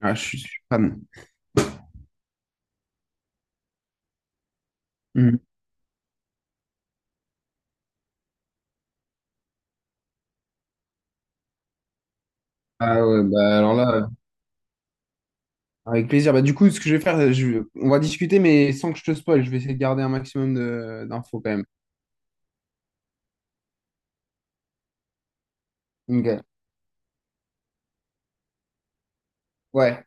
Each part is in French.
Ah, je suis fan. Mhm. Ah ouais, bah alors là, Avec plaisir. Bah, du coup, ce que je vais faire, on va discuter, mais sans que je te spoil, je vais essayer de garder un maximum d'infos quand même. Ok. Ouais,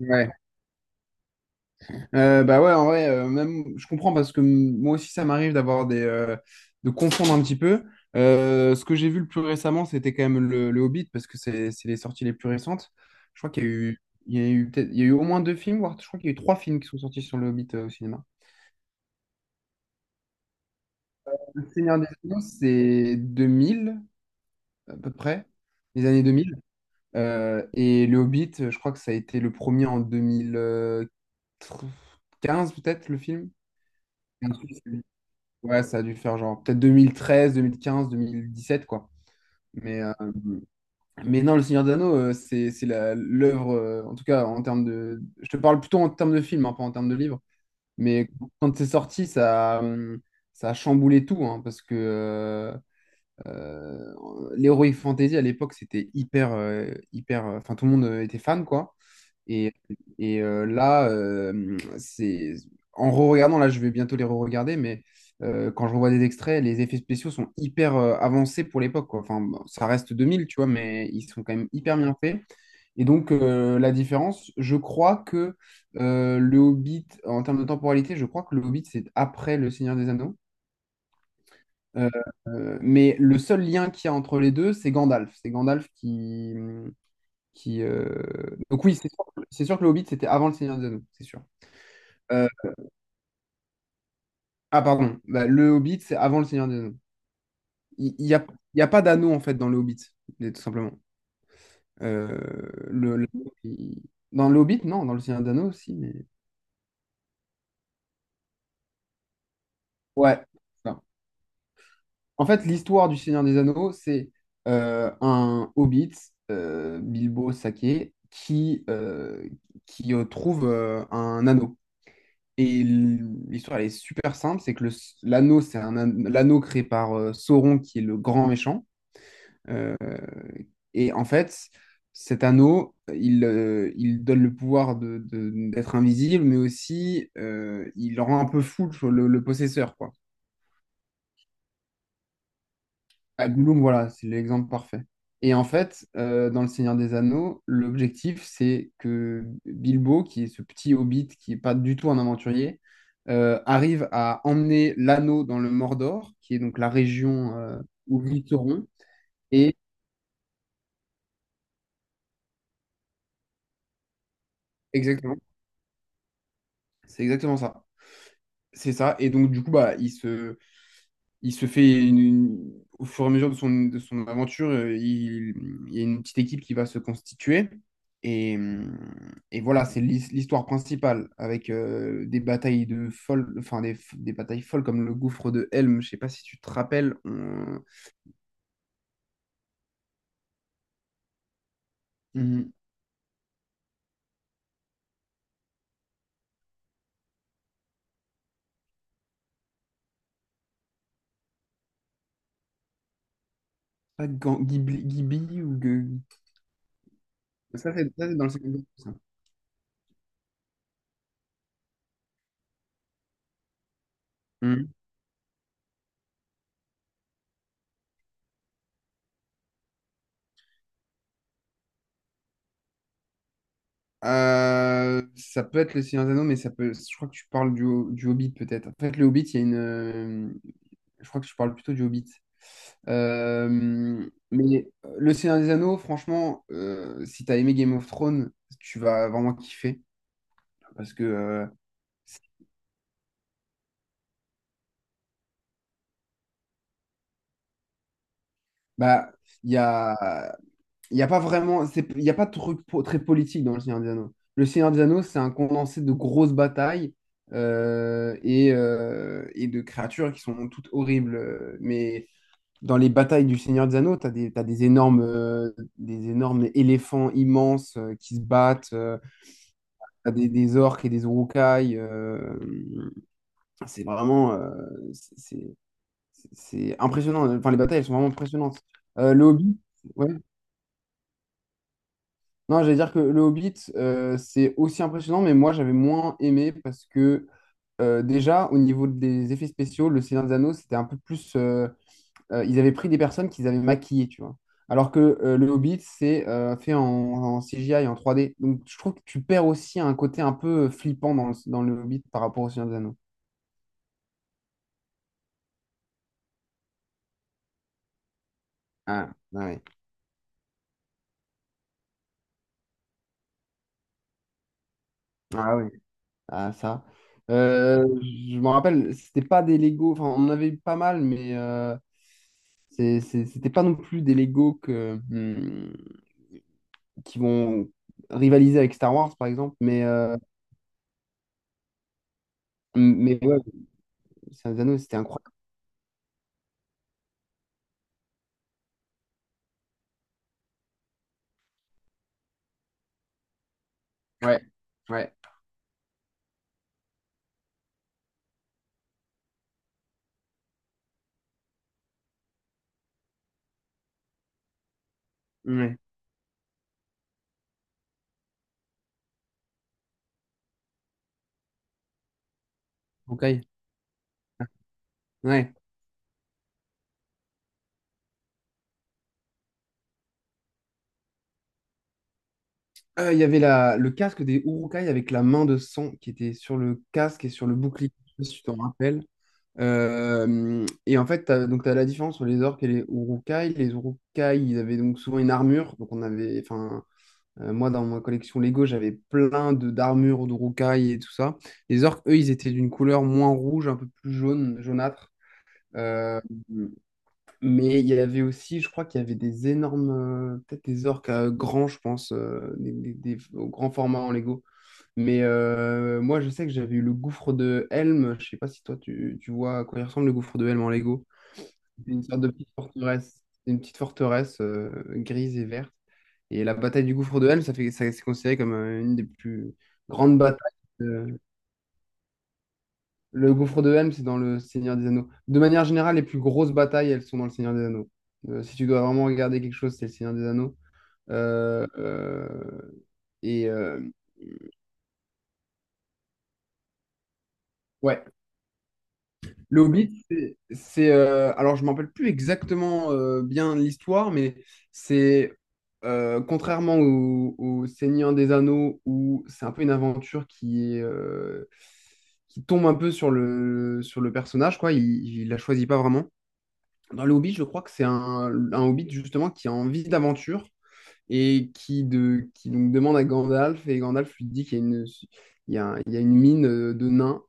ouais. Bah ouais, en vrai, même, je comprends parce que moi aussi, ça m'arrive d'avoir de confondre un petit peu. Ce que j'ai vu le plus récemment, c'était quand même le Hobbit parce que c'est les sorties les plus récentes. Je crois qu'il y a eu, il y a eu peut-être, Il y a eu au moins deux films, voire je crois qu'il y a eu trois films qui sont sortis sur le Hobbit, au cinéma. Le Seigneur des Anneaux, c'est 2000, à peu près, les années 2000. Et Le Hobbit, je crois que ça a été le premier en 2015 peut-être, le film. Un truc, c'est- Ouais, ça a dû faire genre peut-être deux mille treize, quinze, 2017, quoi. Mais, euh, mais non, Le Seigneur des Anneaux, c'est l'œuvre, en tout cas, en termes de. Je te parle plutôt en termes de film, hein, pas en termes de livre. Mais quand c'est sorti, ça a chamboulé tout, hein, parce que. Euh, L'Heroic Fantasy à l'époque, c'était hyper. Enfin, tout le monde, était fan, quoi. Et, et là, c'est. En re-regardant, là, je vais bientôt les re-regarder, mais, quand je revois des extraits, les effets spéciaux sont hyper, avancés pour l'époque, quoi. Enfin, bon, ça reste 2000, tu vois, mais ils sont quand même hyper bien faits. Et donc, la différence, je crois que le Hobbit, en termes de temporalité, je crois que le Hobbit, c'est après Le Seigneur des Anneaux. Euh, mais le seul lien qu'il y a entre les deux, c'est Gandalf. C'est Gandalf qui. Donc oui, c'est sûr que le Hobbit, c'était avant le Seigneur des Anneaux, c'est sûr. Euh, Ah pardon, bah, le Hobbit, c'est avant le Seigneur des Anneaux. Il n'y a, il y a pas d'anneau, en fait, dans le Hobbit, tout simplement. Euh, le, le- il- Dans le Hobbit, non, dans le Seigneur des Anneaux aussi, mais... Ouais. En fait, l'histoire du Seigneur des Anneaux, c'est, un hobbit, Bilbo Sacqué, qui trouve, un anneau. Et l'histoire, elle est super simple, c'est que l'anneau, c'est l'anneau créé par, Sauron, qui est le grand méchant. Euh, et en fait, cet anneau, il donne le pouvoir d'être invisible, mais aussi, il rend un peu fou le possesseur, quoi. Ah, Gollum, voilà, c'est l'exemple parfait. Et en fait, dans Le Seigneur des Anneaux, l'objectif, c'est que Bilbo, qui est ce petit hobbit qui n'est pas du tout un aventurier, arrive à emmener l'anneau dans le Mordor, qui est donc la région, où vit Sauron. Et exactement, c'est exactement ça. C'est ça. Et donc, du coup, bah, il se fait au fur et à mesure de son aventure, il y a une petite équipe qui va se constituer. Et, euh, et voilà, c'est l'histoire principale avec, des batailles de folles, enfin des batailles folles comme le gouffre de Helm. Je sais pas si tu te rappelles, on- pas Ghibli ou ça, c'est ça, c'est dans le Seigneur des Anneaux, ça. Hmm. Ça peut être le Seigneur des Anneaux, mais ça peut. Je crois que tu parles du Hobbit peut-être. En fait, le Hobbit, il y a une, je crois que je parle plutôt du Hobbit. Euh, Le Seigneur des Anneaux, franchement, si t'as aimé Game of Thrones, tu vas vraiment kiffer. Parce que, bah, il y a, il y a pas vraiment, il y a pas de truc très politique dans Le Seigneur des Anneaux. Le Seigneur des Anneaux, c'est un condensé de grosses batailles, et de créatures qui sont toutes horribles. Mais dans les batailles du Seigneur des Anneaux, t'as des énormes éléphants immenses, qui se battent, des orques et des uruk-hai. C'est vraiment euh, c'est c'est- c'est impressionnant. Enfin, les batailles, elles sont vraiment impressionnantes. Le Hobbit, ouais. Non, j'allais dire que le Hobbit, c'est aussi impressionnant, mais moi, j'avais moins aimé parce que, déjà, au niveau des effets spéciaux, le Seigneur des Anneaux, c'était un peu plus. Ils avaient pris des personnes qu'ils avaient maquillées, tu vois. Alors que, le Hobbit, c'est, fait en CGI, en 3D. Donc je trouve que tu perds aussi un côté un peu flippant dans le Hobbit par rapport au Seigneur des Anneaux. Ah, ah oui. Ah oui. Ah, ça. Je me rappelle, c'était pas des Lego. Enfin, on en avait eu pas mal, mais, c'était pas non plus des Lego qui vont rivaliser avec Star Wars, par exemple. Mais ouais, Seigneur des Anneaux, c'était incroyable. Ouais, ouais. Ouais. Ok. Ouais. Il y avait le casque des Urukai avec la main de sang qui était sur le casque et sur le bouclier, je sais pas si tu t'en rappelles. Et en fait, donc tu as la différence entre les orques et les Urukai. Les Urukai, ils avaient donc souvent une armure. Donc on avait, enfin, moi dans ma collection Lego, j'avais plein de d'armures d'Urukai et tout ça. Les orques, eux, ils étaient d'une couleur moins rouge, un peu plus jaune, jaunâtre. Euh, mais il y avait aussi, je crois qu'il y avait des énormes, peut-être des orques, grands, je pense, des au grand format en Lego. Mais, moi, je sais que j'avais eu le gouffre de Helm. Je sais pas si toi, tu vois à quoi il ressemble le gouffre de Helm en Lego. C'est une sorte de petite forteresse, C'est une petite forteresse, grise et verte. Et la bataille du gouffre de Helm, ça, c'est considéré comme, une des plus grandes batailles. euh, le gouffre de Helm, c'est dans le Seigneur des Anneaux. De manière générale, les plus grosses batailles, elles sont dans le Seigneur des Anneaux. Si tu dois vraiment regarder quelque chose, c'est le Seigneur des Anneaux. Euh, euh, et euh, ouais, le Hobbit, alors, je ne me rappelle plus exactement, bien l'histoire, mais c'est. Contrairement au Seigneur des Anneaux, où c'est un peu une aventure qui tombe un peu sur le personnage, quoi. Il ne la choisit pas vraiment. Dans le Hobbit, je crois que c'est un Hobbit justement qui a envie d'aventure et qui donc demande à Gandalf, et Gandalf lui dit qu'il y a une, il y a une mine, de nains,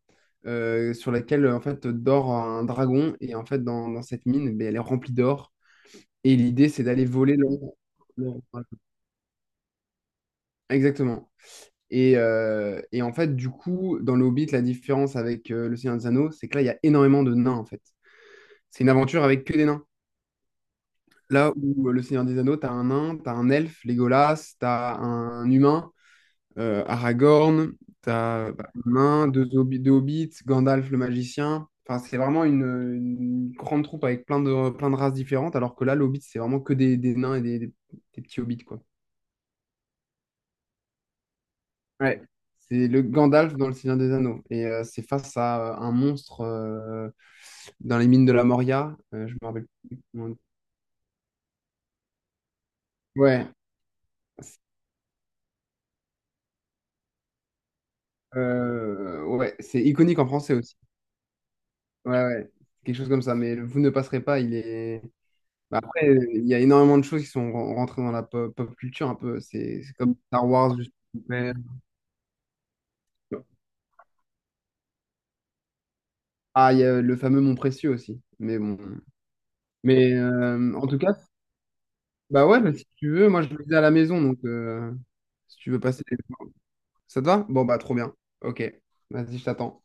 sur laquelle, en fait dort un dragon, et en fait dans cette mine, ben, elle est remplie d'or, et l'idée, c'est d'aller voler l'or. L'or. Voilà. Exactement. Et en fait, du coup, dans le Hobbit, la différence avec, le Seigneur des Anneaux, c'est que là, il y a énormément de nains en fait. C'est une aventure avec que des nains. Là où, Le Seigneur des Anneaux, t'as un nain, t'as un elfe, Legolas, t'as un humain, Aragorn, t'as bah, un nain, deux hobbits, Gandalf le magicien. Enfin, c'est vraiment une grande troupe avec plein de races différentes, alors que là, le c'est vraiment que des nains et des petits hobbits, quoi. Ouais. C'est le Gandalf dans Le Seigneur des Anneaux. Et, c'est face à, un monstre, dans les mines de la Moria. Je me rappelle plus comment- Ouais. Ouais, c'est iconique en français aussi. Ouais, ouais, quelque chose comme ça. Mais le Vous ne passerez pas, il est. Bah, après, il y a énormément de choses qui sont rentrées dans la pop culture un peu. C'est comme Star Wars, juste. Ouais. Ah, il y a le fameux Mon Précieux aussi. Mais bon. Mais, en tout cas, bah ouais, bah, si tu veux, moi je le faisais à la maison, donc, si tu veux passer. Ça te va? Bon, bah trop bien. Ok, vas-y, je t'attends.